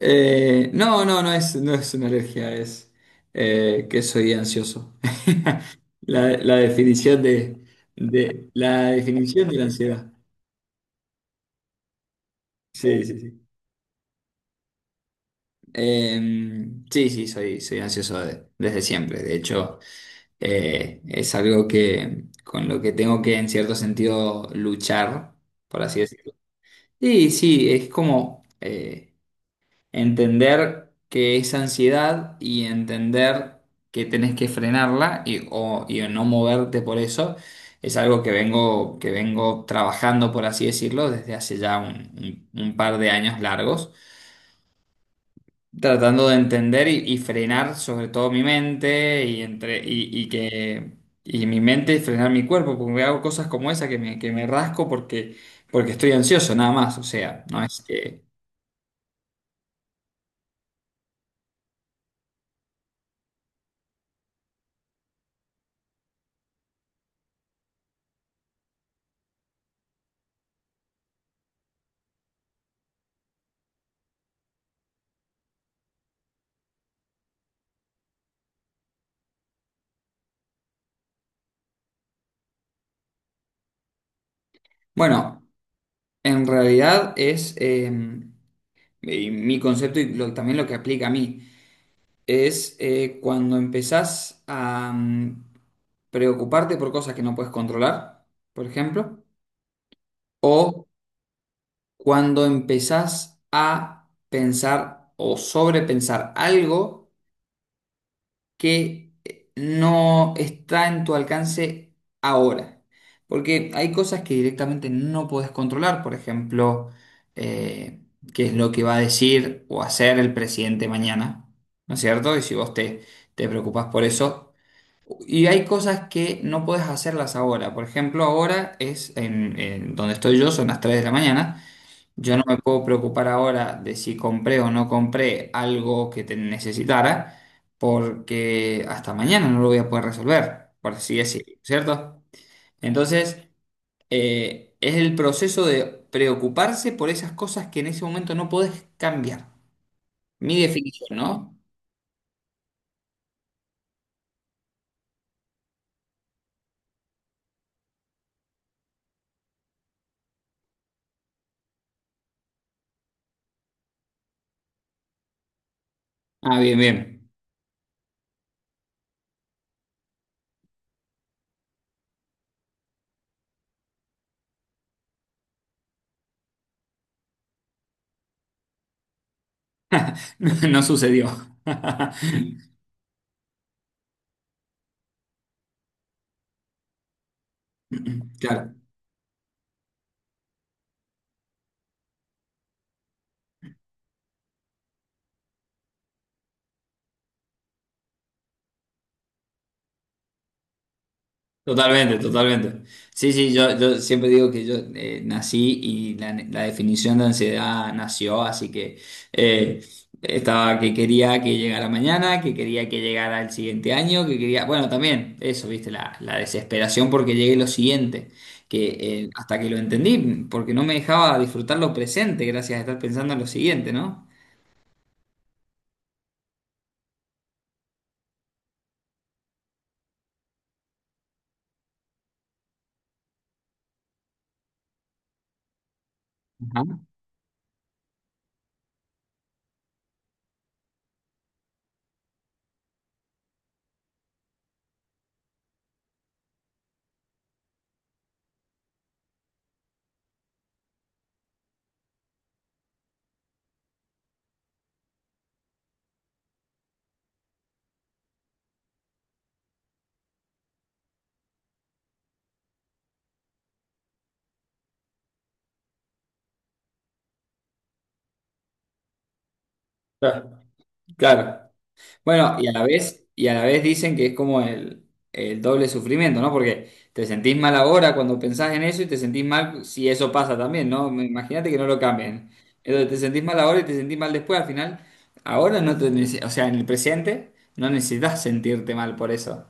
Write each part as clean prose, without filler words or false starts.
No, no, no es una alergia, es que soy ansioso. La definición de, la definición de la ansiedad. Sí, sí, sí. Sí, sí, soy ansioso desde siempre. De hecho, es algo que con lo que tengo que en cierto sentido luchar, por así decirlo. Sí, sí, es como entender que es ansiedad y entender que tenés que frenarla y no moverte por eso es algo que vengo, trabajando, por así decirlo, desde hace ya un par de años largos, tratando de entender y frenar sobre todo mi mente y, entre, y que... Y mi mente y frenar mi cuerpo, porque hago cosas como esa que me rasco porque estoy ansioso, nada más. O sea, no es que. Bueno. En realidad es, y mi concepto y también lo que aplica a mí, es cuando empezás a preocuparte por cosas que no puedes controlar, por ejemplo, o cuando empezás a pensar o sobrepensar algo que no está en tu alcance ahora. Porque hay cosas que directamente no puedes controlar, por ejemplo, eh, qué es lo que va a decir o hacer el presidente mañana, ¿no es cierto? Y si vos te preocupás por eso. Y hay cosas que no puedes hacerlas ahora. Por ejemplo, ahora es en donde estoy yo, son las 3 de la mañana. Yo no me puedo preocupar ahora de si compré o no compré algo que te necesitara, porque hasta mañana no lo voy a poder resolver, por así decirlo, ¿cierto? Entonces, es el proceso de preocuparse por esas cosas que en ese momento no podés cambiar. Mi definición, ¿no? Ah, bien, bien. No sucedió. Claro. Totalmente, totalmente. Sí, sí, yo siempre digo que yo nací y la definición de ansiedad nació, así que eh, estaba que quería que llegara mañana, que quería que llegara el siguiente año, que quería, bueno, también eso, viste, la desesperación porque llegue lo siguiente, que hasta que lo entendí, porque no me dejaba disfrutar lo presente gracias a estar pensando en lo siguiente, ¿no? Ajá. Claro. Claro. Bueno, y a la vez dicen que es como el doble sufrimiento, ¿no? Porque te sentís mal ahora cuando pensás en eso y te sentís mal si eso pasa también, ¿no? Imagínate que no lo cambien. Entonces te sentís mal ahora y te sentís mal después. Al final, ahora no te, nece- o sea, en el presente no necesitas sentirte mal por eso.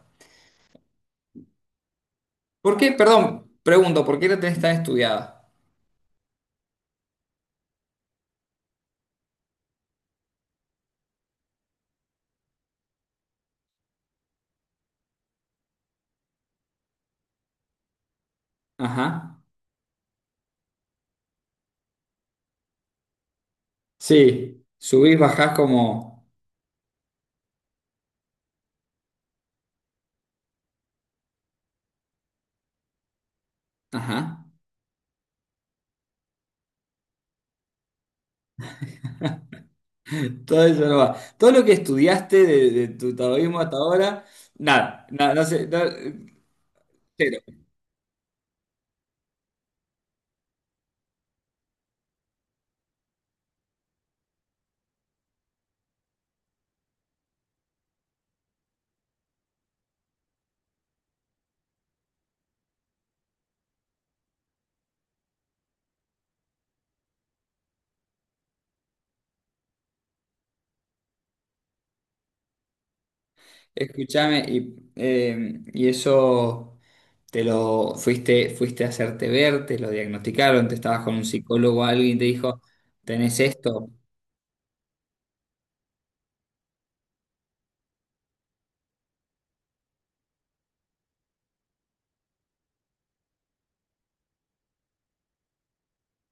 ¿Por qué? Perdón, pregunto, ¿por qué la tenés tan estudiada? Ajá. Sí, subís, bajás como. Ajá. Todo eso no va. Todo lo que estudiaste de tu taoísmo hasta ahora, nada, nada, no sé, no, cero. Escúchame, y eso te lo fuiste a hacerte ver, te lo diagnosticaron, te estabas con un psicólogo, o alguien y te dijo, tenés esto,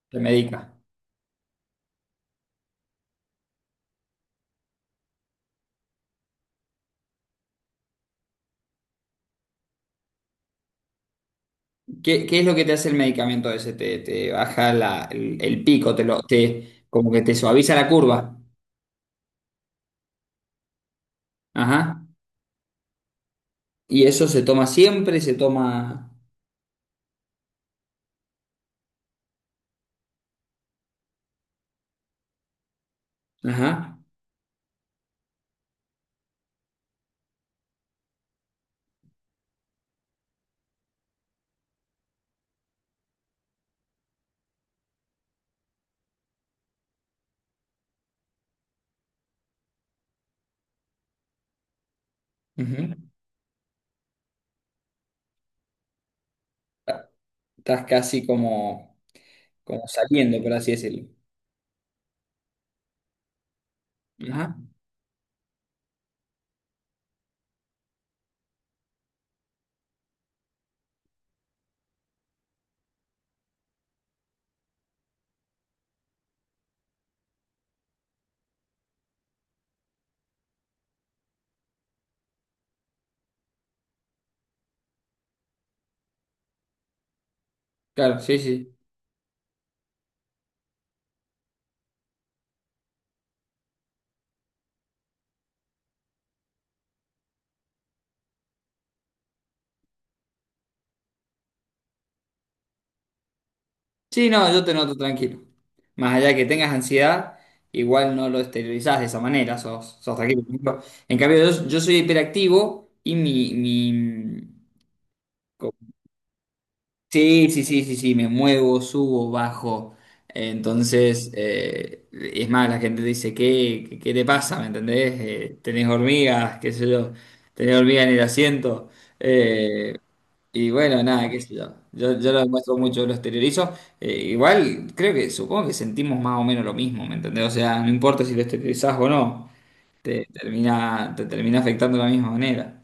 te medica. ¿Qué es lo que te hace el medicamento ese? Te baja el pico, como que te suaviza la curva. Ajá. Y eso se toma siempre, se toma. Ajá. Ujú. Estás casi como saliendo, por así decirlo. Ajá. Claro, sí, sí. Sí, no, yo te noto tranquilo. Más allá de que tengas ansiedad, igual no lo exteriorizás de esa manera, sos tranquilo. Por ejemplo, en cambio, yo soy hiperactivo y mi, mi. co- Sí, sí, sí, sí, sí, me muevo, subo, bajo. Entonces, es más, la gente dice, ¿qué te pasa? ¿Me entendés? Tenés hormigas, qué sé yo, tenés hormigas en el asiento. Eh, Y bueno, nada, qué sé yo. Yo lo demuestro mucho, lo exteriorizo. Igual, creo que, supongo que sentimos más o menos lo mismo, ¿me entendés? O sea, no importa si lo exteriorizás o no, te termina afectando de la misma manera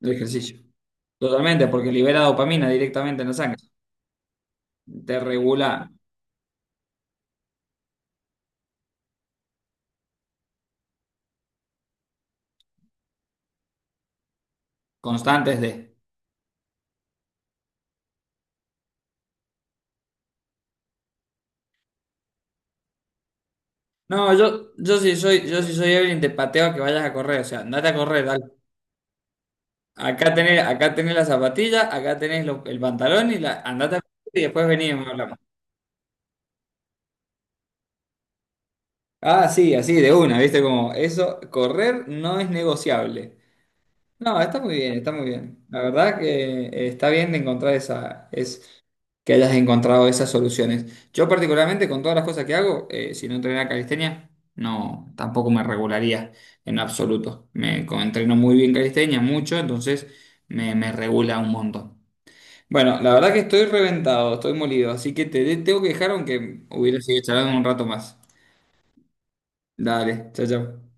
el ejercicio. Totalmente, porque libera dopamina directamente en la sangre. Te regula constantes de. No, yo sí soy Evelyn, te pateo a que vayas a correr. O sea, andate a correr, dale. Acá tenés la zapatilla, acá tenés el pantalón y andate a correr y después venimos y hablamos. Ah, sí, así, de una, ¿viste? Como eso, correr no es negociable. No, está muy bien, está muy bien. La verdad que está bien de encontrar esa, es que hayas encontrado esas soluciones. Yo particularmente con todas las cosas que hago, si no entrenara calistenia, no, tampoco me regularía en absoluto. Entreno muy bien calistenia, mucho, entonces me regula un montón. Bueno, la verdad que estoy reventado, estoy molido, así que tengo que dejar aunque hubiera seguido charlando un rato más. Dale, chao, chao.